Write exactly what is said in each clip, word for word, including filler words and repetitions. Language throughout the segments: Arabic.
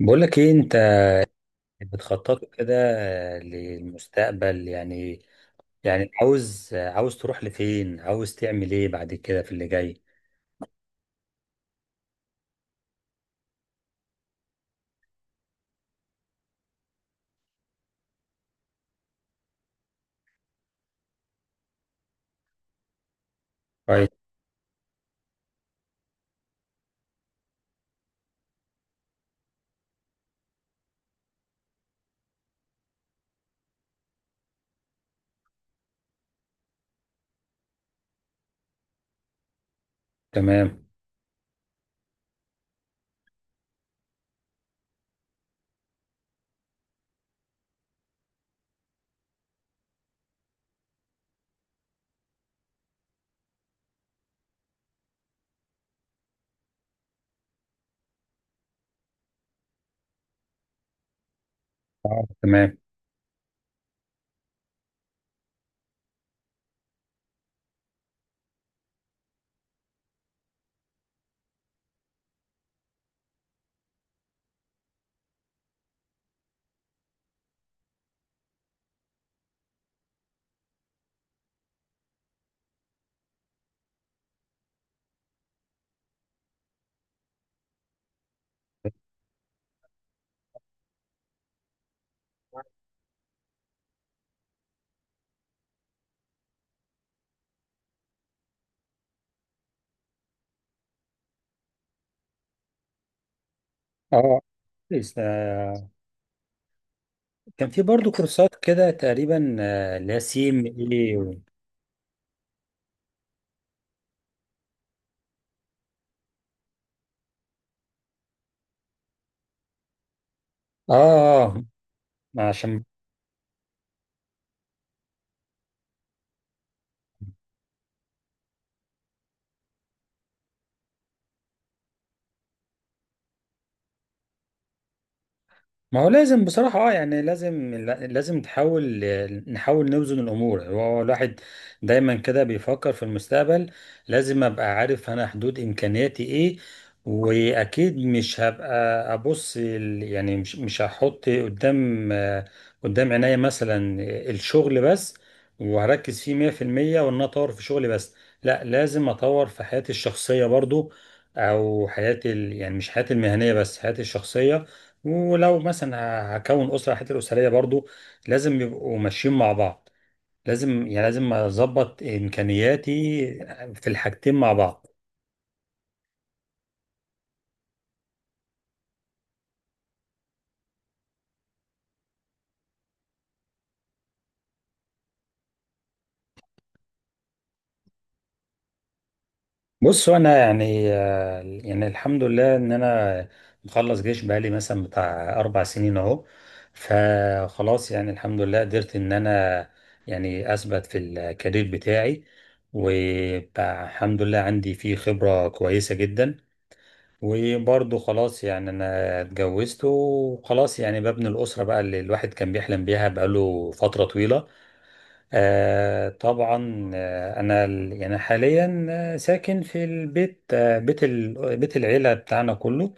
بقولك ايه انت بتخطط كده آه، للمستقبل يعني. يعني عاوز آه، عاوز تروح لفين، عاوز تعمل ايه بعد كده في اللي جاي؟ طيب. تمام. اه، تمام. اه، كويس. آه، كان في برضو كورسات كده تقريبا، آه، اللي هي سي ام اي. اه. آه، عشان. ما هو لازم بصراحة، اه يعني لازم لازم تحاول نحاول نوزن الأمور. هو الواحد دايما كده بيفكر في المستقبل. لازم أبقى عارف أنا حدود إمكانياتي إيه، وأكيد مش هبقى أبص ال- يعني مش مش هحط قدام آه، قدام عينيا مثلا الشغل بس، وهركز فيه مية في المية، وإن أنا أطور في شغلي بس. لا، لازم أطور في حياتي الشخصية برضو، أو حياتي ال- يعني مش حياتي المهنية بس حياتي الشخصية. ولو مثلا ه- هكون اسره، حتى الاسريه برضو لازم يبقوا ماشيين مع بعض. لازم، يعني لازم اظبط امكانياتي في الحاجتين مع بعض. بص، انا يعني آه، يعني الحمد لله ان انا مخلص جيش بقالي مثلا بتاع اربع سنين اهو. فخلاص يعني الحمد لله قدرت ان انا يعني اثبت في الكارير بتاعي، والحمد لله عندي فيه خبره كويسه جدا. وبرضه خلاص يعني انا اتجوزت، وخلاص يعني ببني الاسره بقى اللي الواحد كان بيحلم بيها بقاله فتره طويله. آه طبعا، آه انا ال- يعني حاليا آه، ساكن في البيت، آه بيت ال- بيت العيله بتاعنا كله.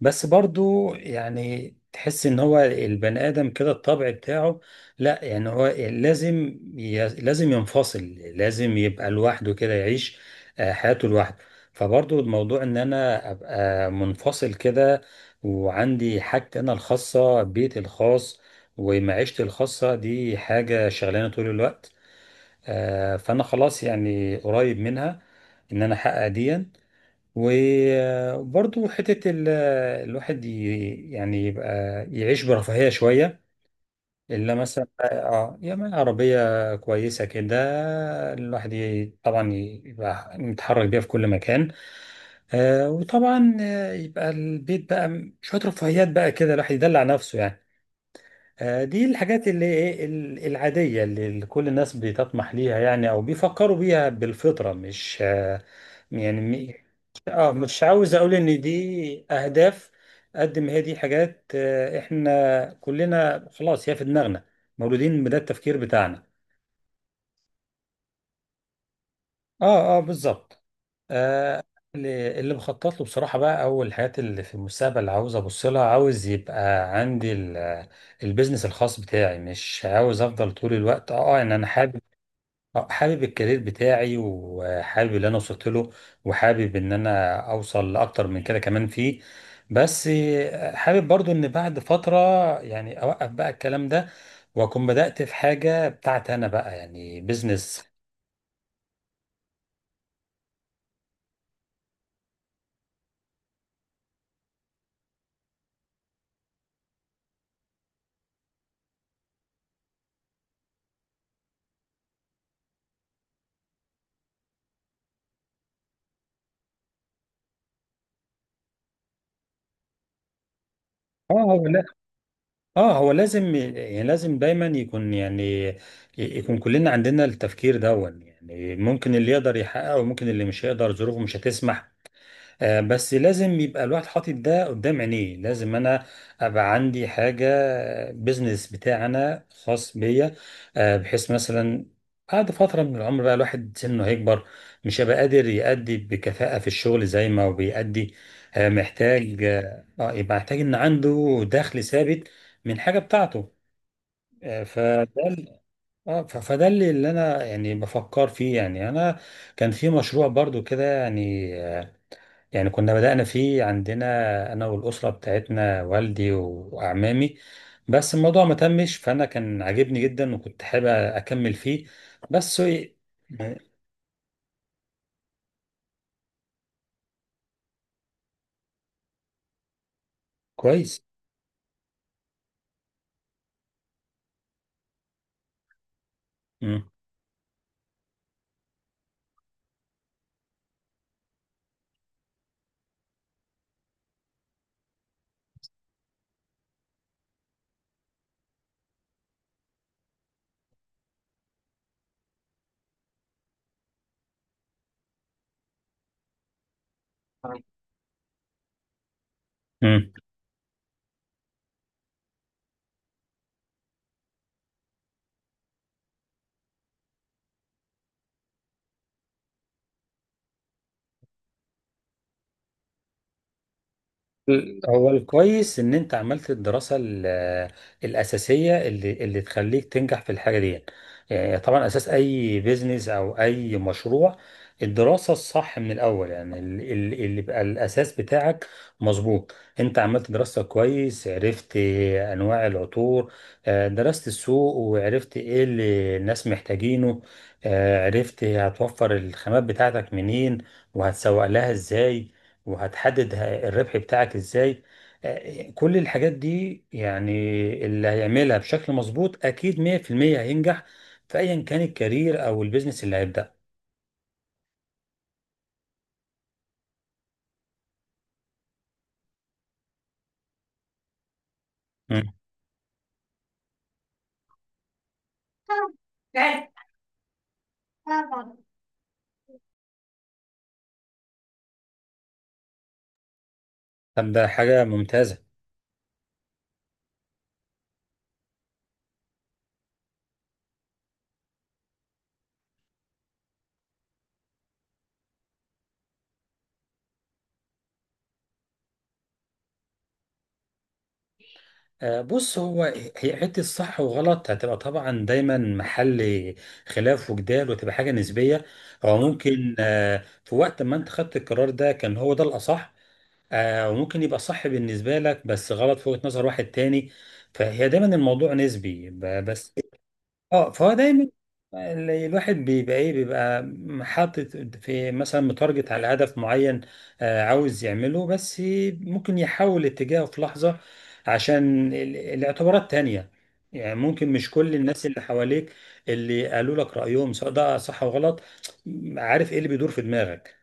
بس برضو يعني تحس ان هو البني ادم كده الطبع بتاعه. لا، يعني هو لازم ي- لازم ينفصل، لازم يبقى لوحده كده يعيش آه حياته لوحده. فبرضو الموضوع ان انا ابقى منفصل كده، وعندي حاجتي انا الخاصه، بيتي الخاص ومعيشتي الخاصة. دي حاجة شغلانة طول الوقت. آه، فأنا خلاص يعني قريب منها إن أنا أحقق ديا. وبرضو حتة ال- الواحد ي- يعني يبقى يعيش برفاهية شوية، إلا مثلا اه يعني عربية كويسة كده. الواحد ي- طبعا ي- يبقى متحرك بيها في كل مكان. آه، وطبعا آه، يبقى البيت بقى شوية رفاهيات بقى كده الواحد يدلع نفسه يعني. آه، دي الحاجات اللي إيه، ال- العادية اللي اللي كل الناس بتطمح ليها، يعني أو بيفكروا بيها بالفطرة مش آه، يعني م- اه، مش عاوز أقول إن دي أهداف. قد ما هي دي حاجات، آه، إحنا كلنا خلاص هي في دماغنا، مولودين بده التفكير بتاعنا. اه، اه، بالظبط. آه اللي اللي بخطط له بصراحة بقى، أو الحاجات اللي في المستقبل اللي عاوز أبص لها، عاوز يبقى عندي ال- البيزنس الخاص بتاعي. مش عاوز أفضل طول الوقت، اه آه، إن أنا حابب. آه، حابب الكارير بتاعي وحابب اللي أنا وصلت له، وحابب إن أنا أوصل لأكتر من كده كمان فيه. بس آه، حابب برضو إن بعد فترة يعني أوقف بقى الكلام ده، وأكون بدأت في حاجة بتاعتي أنا بقى، يعني بيزنس. اه، اه، هو لازم، يعني لازم دايما يكون يعني يكون كلنا عندنا التفكير دون. يعني ممكن اللي يقدر يحققه، وممكن اللي مش هيقدر ظروفه مش هتسمح. آه، بس لازم يبقى الواحد حاطط ده قدام عينيه، لازم انا ابقى عندي حاجه، بيزنس بتاعنا خاص بيا. آه، بحيث مثلا بعد فتره من العمر بقى الواحد سنه هيكبر، مش هيبقى قادر يأدي بكفاءه في الشغل زي ما هو بيأدي. آه، محتاج، اه آه، يبقى محتاج ان عنده دخل ثابت من حاجه بتاعته. آه، فده ال- اه ف- فده اللي اللي انا يعني بفكر فيه، يعني انا كان في مشروع برضو كده يعني، آه، يعني كنا بدأنا فيه عندنا، أنا والأسرة بتاعتنا، والدي وأعمامي. بس الموضوع ما تمش، فأنا كان عاجبني جدا وكنت حابب أكمل فيه. بس هو. إيه- كويس. مم. مم. هو الكويس ان انت عملت الدراسه ال- الاساسيه اللي اللي تخليك تنجح في الحاجه دي. يعني طبعا اساس اي بيزنس او اي مشروع، الدراسه الصح من الاول، يعني ال- ال- اللي يبقى الاساس بتاعك. مظبوط، انت عملت دراسه كويس، عرفت انواع العطور، آه، درست السوق وعرفت ايه اللي الناس محتاجينه، آه، عرفت هتوفر الخامات بتاعتك منين، وهتسوق لها ازاي، وهتحدد ه- الربح بتاعك ازاي. آه، كل الحاجات دي، يعني اللي هيعملها بشكل مظبوط اكيد مية في المية هينجح في ايا كان الكارير او البيزنس اللي هيبدأ. مم. طب ده حاجة ممتازة. آه، بص، هو هي حتة صح وغلط هتبقى طبعا دايما محل خلاف وجدال، وتبقى حاجة نسبية. هو ممكن آه، في وقت ما انت خدت القرار ده كان هو ده الأصح، آه وممكن يبقى صح بالنسبة لك بس غلط في وجهة نظر واحد تاني. فهي دايما الموضوع نسبي، ب- بس. اه، فهو دايما ال- الواحد بيبقى ايه بيبقى حاطط في مثلا متارجت على هدف معين، آه عاوز يعمله. بس ممكن يحول اتجاهه في لحظة عشان ال- الاعتبارات تانية. يعني ممكن مش كل الناس اللي حواليك اللي قالوا لك رأيهم، سواء ده صح وغلط، عارف ايه اللي بيدور في دماغك.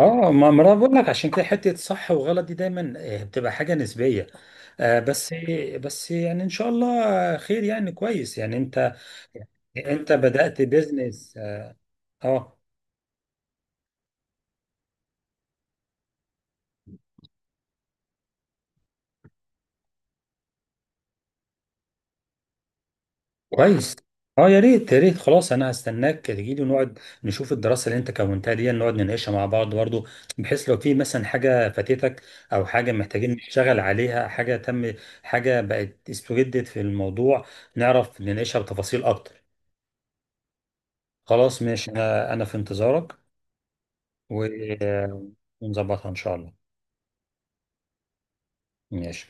اه، ما ما انا بقول لك عشان كده حته صح وغلط دي دايما آه، بتبقى حاجه نسبيه، آه، بس بس يعني ان شاء الله خير، يعني كويس، يعني انت انت بدات بيزنس، اه. آه، كويس. اه، يا ريت يا ريت، خلاص انا هستناك تجيلي ونقعد نشوف الدراسه اللي انت كونتها دي، نقعد نناقشها مع بعض برضه، بحيث لو في مثلا حاجه فاتتك، او حاجه محتاجين نشتغل عليها، حاجه تم، حاجه بقت استجدت في الموضوع، نعرف نناقشها بتفاصيل اكتر. خلاص ماشي، انا انا في انتظارك. و- ونظبطها إن شاء الله. ماشي.